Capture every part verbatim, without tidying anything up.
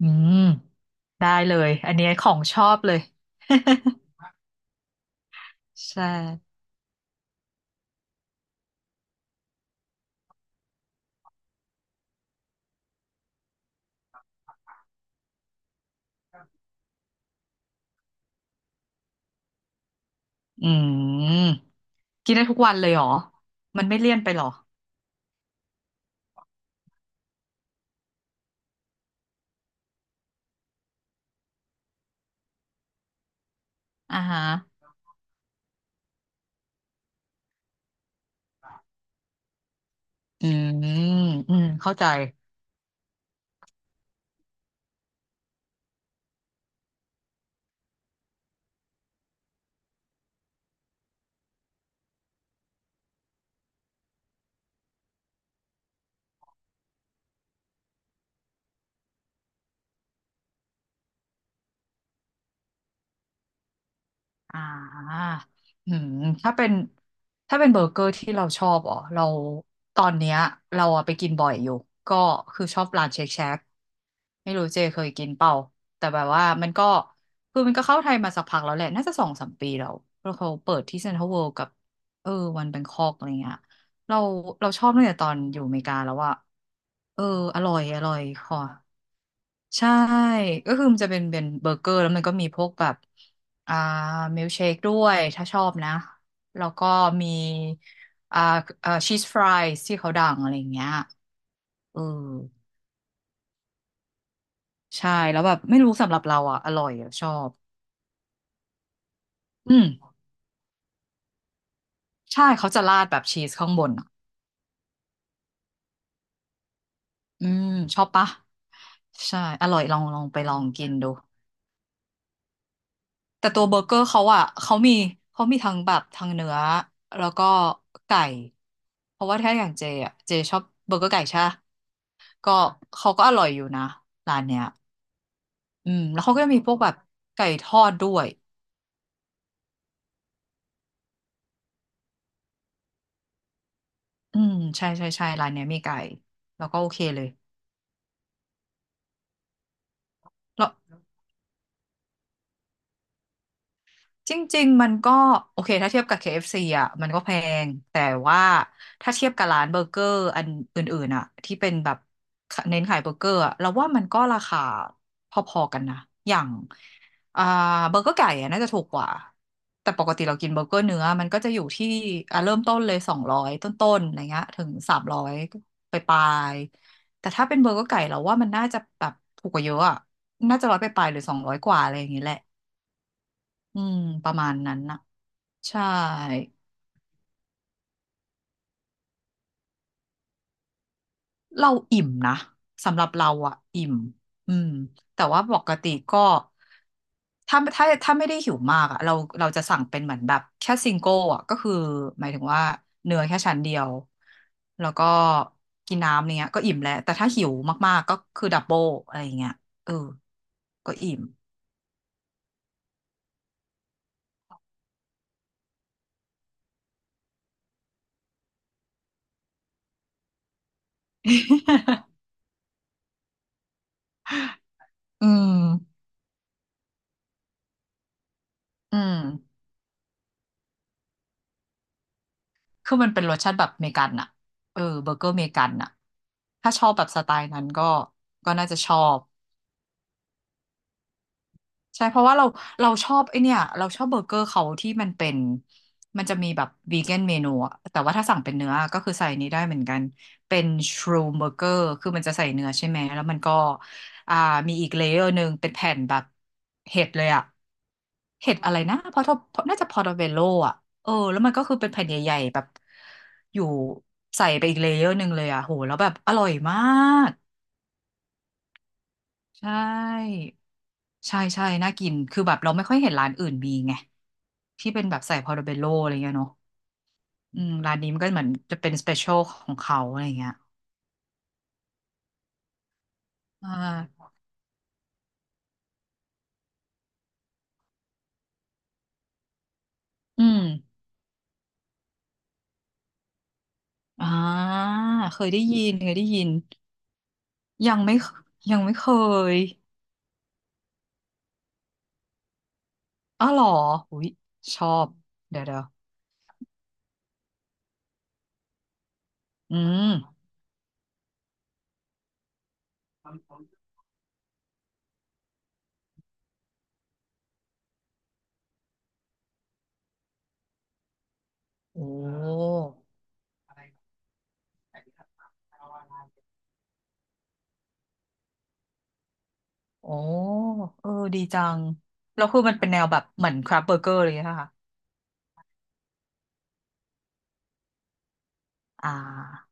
อืมได้เลยอันนี้ของชอบเลยใช่อืมกินได้ทุกวันเลยเหรอมันไม่เลี่ยนไปเหรออ่าฮะอืมอืมเข้าใจ อ่าอืมถ้าเป็นถ้าเป็นเบอร์เกอร์ที่เราชอบอ๋อเราตอนเนี้ยเราอะไปกินบ่อยอยู่ก็คือชอบร้านเชคแชกไม่รู้เจเคยกินเปล่าแต่แบบว่ามันก็คือมันก็เข้าไทยมาสักพักแล้วแหละน่าจะสองสามปีแล้วแล้วเขาเปิดที่เซ็นทรัลเวิลด์กับเออวันแบงคอกอะไรเงี้ยเราเราชอบตั้งแต่ตอนอยู่อเมริกาแล้วว่าเอออร่อยอร่อยค่ะ ใช่ก็คือมันจะเป็นเป็นเบอร์เกอร์แล้วมันก็มีพวกแบบอ่ามิลเชคด้วยถ้าชอบนะแล้วก็มีอ่าอ่าชีสฟรายที่เขาดังอะไรอย่างเงี้ยเออใช่แล้วแบบไม่รู้สำหรับเราอ่ะอร่อยอะชอบอืมใช่เขาจะราดแบบชีสข้างบนอ่ะอืมชอบปะใช่อร่อยลองลองไปลองกินดู แต่ตัวเบอร์เกอร์เขาอ่ะเขามีเขามีทั้งแบบทั้งเนื้อแล้วก็ไก่เพราะว่าถ้าอย่างเจอ่ะเจชอบเบอร์เกอร์ไก่ใช่ปะก็เขาก็อร่อยอยู่นะร้านเนี้ยอืมแล้วเขาก็จะมีพวกแบบไก่ทอดด้วยอืมใช่ใช่ใช่ร้านเนี้ยมีไก่แล้วก็โอเคเลยแล้ว จริงๆมันก็โอเคถ้าเทียบกับ เค เอฟ ซี อฟซีอ่ะมันก็แพงแต่ว่าถ้าเทียบกับร้านเบอร์เกอร์อันอื่นๆอ่ะที่เป็นแบบเน้นขายเบอร์เกอร์อะเราว่ามันก็ราคาพอๆกันนะอย่างอ่าเบอร์เกอร์ไก่อะน่าจะถูกกว่าแต่ปกติเรากินเบอร์เกอร์เนื้อมันก็จะอยู่ที่อ่ะเริ่มต้นเลยสองร้อยต้นๆอะไรเงี้ยถึงสามร้อยไปปลายๆแต่ถ้าเป็นเบอร์เกอร์ไก่เราว่ามันน่าจะแบบถูกกว่าเยอะอ่ะน่าจะร้อยไปปลายๆหรือสองร้อยกว่าอะไรอย่างเงี้ยแหละอืมประมาณนั้นนะ ใช่เราอิ่มนะสำหรับเราอะอิ่มอืมแต่ว่าปกติก็ถ้าถ้าถ้าไม่ได้หิวมากอะเราเราจะสั่งเป็นเหมือนแบบแค่ซิงเกิลอะก็คือหมายถึงว่าเนื้อแค่ชั้นเดียวแล้วก็กินน้ำเนี้ยก็อิ่มแล้วแต่ถ้าหิวมากๆก็คือดับเบิลอะไรอย่างเงี้ยเออก็อิ่ม อืมอืม คือมันเป็นรสชาติแบบเมกันอะเออเบอร์เกอร์เมกันอะถ้าชอบแบบสไตล์นั้นก็ก็น่าจะชอบใช่เพราะว่าเราเราชอบไอเนี่ยเราชอบเบอร์เกอร์เขาที่มันเป็นมันจะมีแบบวีแกนเมนูอะแต่ว่าถ้าสั่งเป็นเนื้อก็คือใส่นี้ได้เหมือนกันเป็นชรูมเบอร์เกอร์คือมันจะใส่เนื้อใช่ไหมแล้วมันก็อ่ามีอีกเลเยอร์หนึ่งเป็นแผ่นแบบเห็ดเลยอะ เห็ดอะไรนะพอทน่าจะพอร์โตเวโลอ่ะเออแล้วมันก็คือเป็นแผ่นใหญ่ๆแบบอยู่ใส่ไปอีกเลเยอร์หนึ่งเลยอ่ะโหแล้วแบบอร่อยมากใช่ใช่ใช่น่ากินคือแบบเราไม่ค่อยเห็นร้านอื่นมีไงที่เป็นแบบใส่พอร์โตเวโลอะไรเงี้ยเนาะอืมร้านนี้มันก็เหมือนจะเป็นสเปเชียลของเขาอะไรเงี้ยอ่าอืมอ่าเคยได้ยินเคยได้ยินยังไม่เคยังไม่เคยอ้าวเหรออุ้ยชอบเดี๋ยวเดี๋ยวอืม โอ้โอ้เออดีจัง แล้วคือมันเป็นแนวแบบเหมือนคราฟเบอร์เกอร์เลยนะคะอ่า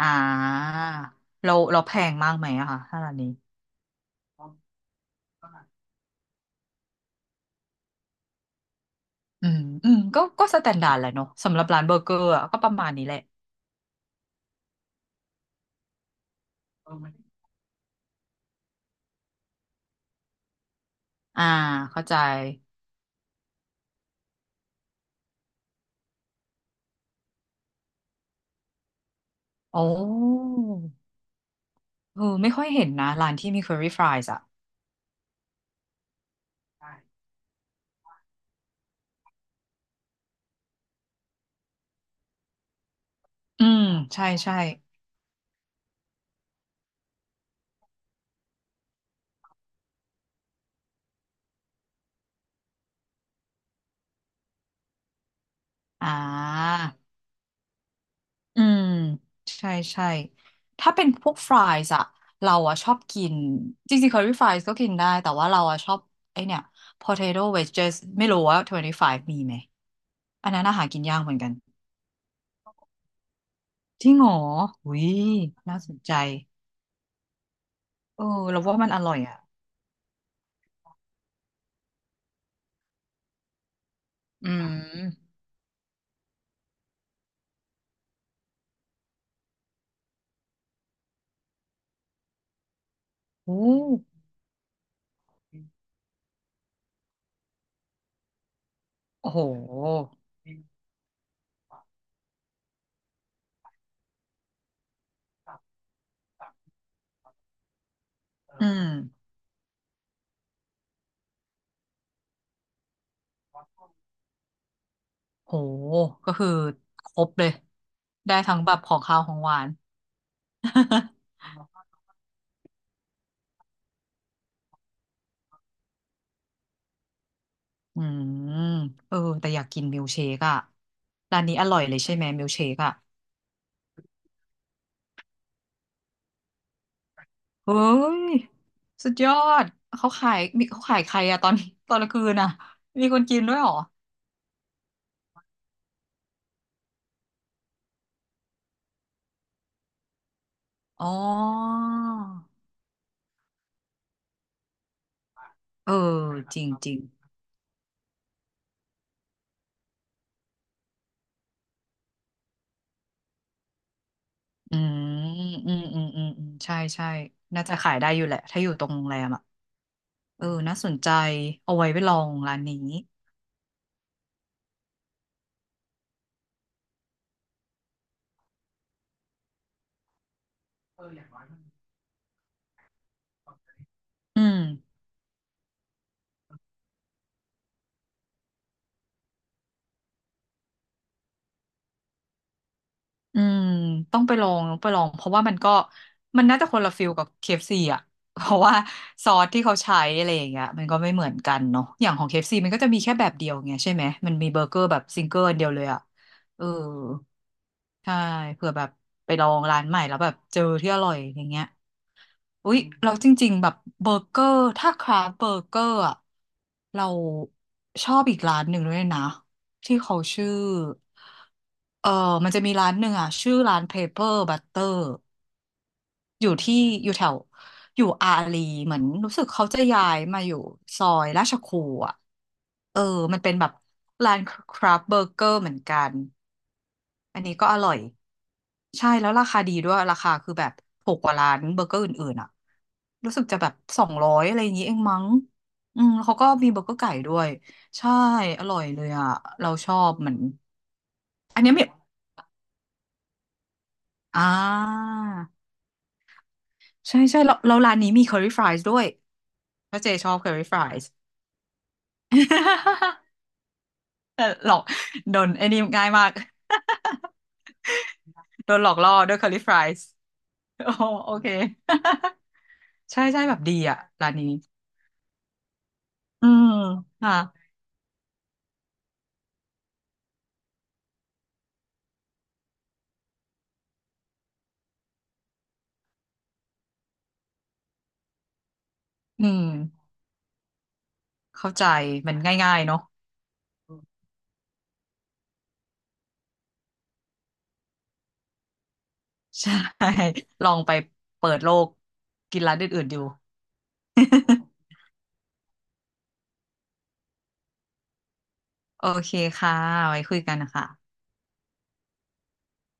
อ่าเราเราแพงมากไหมอะค่ะถ้าร้านนี้อืมอืมก็ก็สแตนดาร์ดแหละเนาะสำหรับร้านเบอร์เกอร์อะก็ประมาณนี้แหละ อ่า เข้าใจโอ้เออไม่ค่อยเห็นนะร้านที่มี curry fries อ่ะอืมใช่ ใช่ อ่า อืมใช่ใช่ถ้าเป็นพวกฟรายส์อะเราอะชอบกินจริงๆ c คอรี่ฟรายส์ก็กินได้แต่ว่าเราอะชอบไอเนี่ย potato wedges ไม่รู้ว่ายี่สิบห้ามีไหมอันนั้นอาหารกินยากเหมือนกันจริงเหรออุ้ยน่าสนใจเออเราว่ามันอร่อยอะอืมโอ้โอ้โหอืมโหก็คือครบเลยได้ทั้งแบบของคาวของหวาน อืมเออแต่อยากกินมิลเชคอะร้านนี้อร่อยเลยใช่ไหมมิลเชคอะเฮ้ยสุดยอดเขาขายมีเขาขายใครอะตอนตอนกลางคืนอะมีคนกินด้วยเหรออ๋อเออจริงจริงอืมอืมอืมอืมอืมใช่ใช่น่าจะขายได้อยู่แหละถ้าอยู่ตรงโรงแรมอ่ะเออน่าสนใจเอาไว้ไปลองร้านนี้อืม อืมต้องไปลองต้องไปลองเพราะว่ามันก็มันน่าจะคนละฟิลกับ เค เอฟ ซี อฟซีอ่ะ เพราะว่าซอสที่เขาใช้อะไรอย่างเงี้ยมันก็ไม่เหมือนกันเนาะอย่างของเคเอฟซ c มันก็จะมีแค่แบบเดียวไงใช่ไหมมันมีเบอร์เกอร์แบบซิงเกิลอันเดียวเลยอ่ะเออใช่เผื่อแบบไปลองร้านใหม่แล้วแบบเจอที่อร่อยอย่างเงี้ย อุ๊ยเราจริงๆแบบเบอร์เกอร์ถ้าคราฟเบอร์เกอร์อะเราชอบอีกร้านหนึ่งด้วยนะที่เขาชื่อเออมันจะมีร้านหนึ่งอ่ะชื่อร้าน Paper Butter อยู่ที่อยู่แถวอยู่อารีเหมือนรู้สึกเขาจะย้ายมาอยู่ซอยราชครูอ่ะเออมันเป็นแบบร้านคราฟเบอร์เกอร์เหมือนกันอันนี้ก็อร่อย ใช่แล้วราคาดีด้วยราคาคือแบบถูกกว่าร้านเบอร์เกอร์อื่นๆอ่ะรู้สึกจะแบบสองร้อยอะไรอย่างนี้เองมั้งอืมเขาก็มีเบอร์เกอร์ไก่ด้วยใช่อร่อยเลยอ่ะเราชอบเหมือนอันเนี้ยมีอ่าใช่ใช่แล้วแล้วร้านนี้มี curry fries ด้วยเพราะเจชอบ curry fries โดนไอ้นี่ง่ายมาก โดนหลอกล่อด้วย curly fries โอ้โอเค ใช่ใช่แบบดีอ่ะร้านนี้อืมค่ะอืม เข้าใจมันง่ายๆเนาะ ใช่ ลองไปเปิดโลกกินร้านอื่นๆดู โอเคค่ะไว้คุยกันนะคะ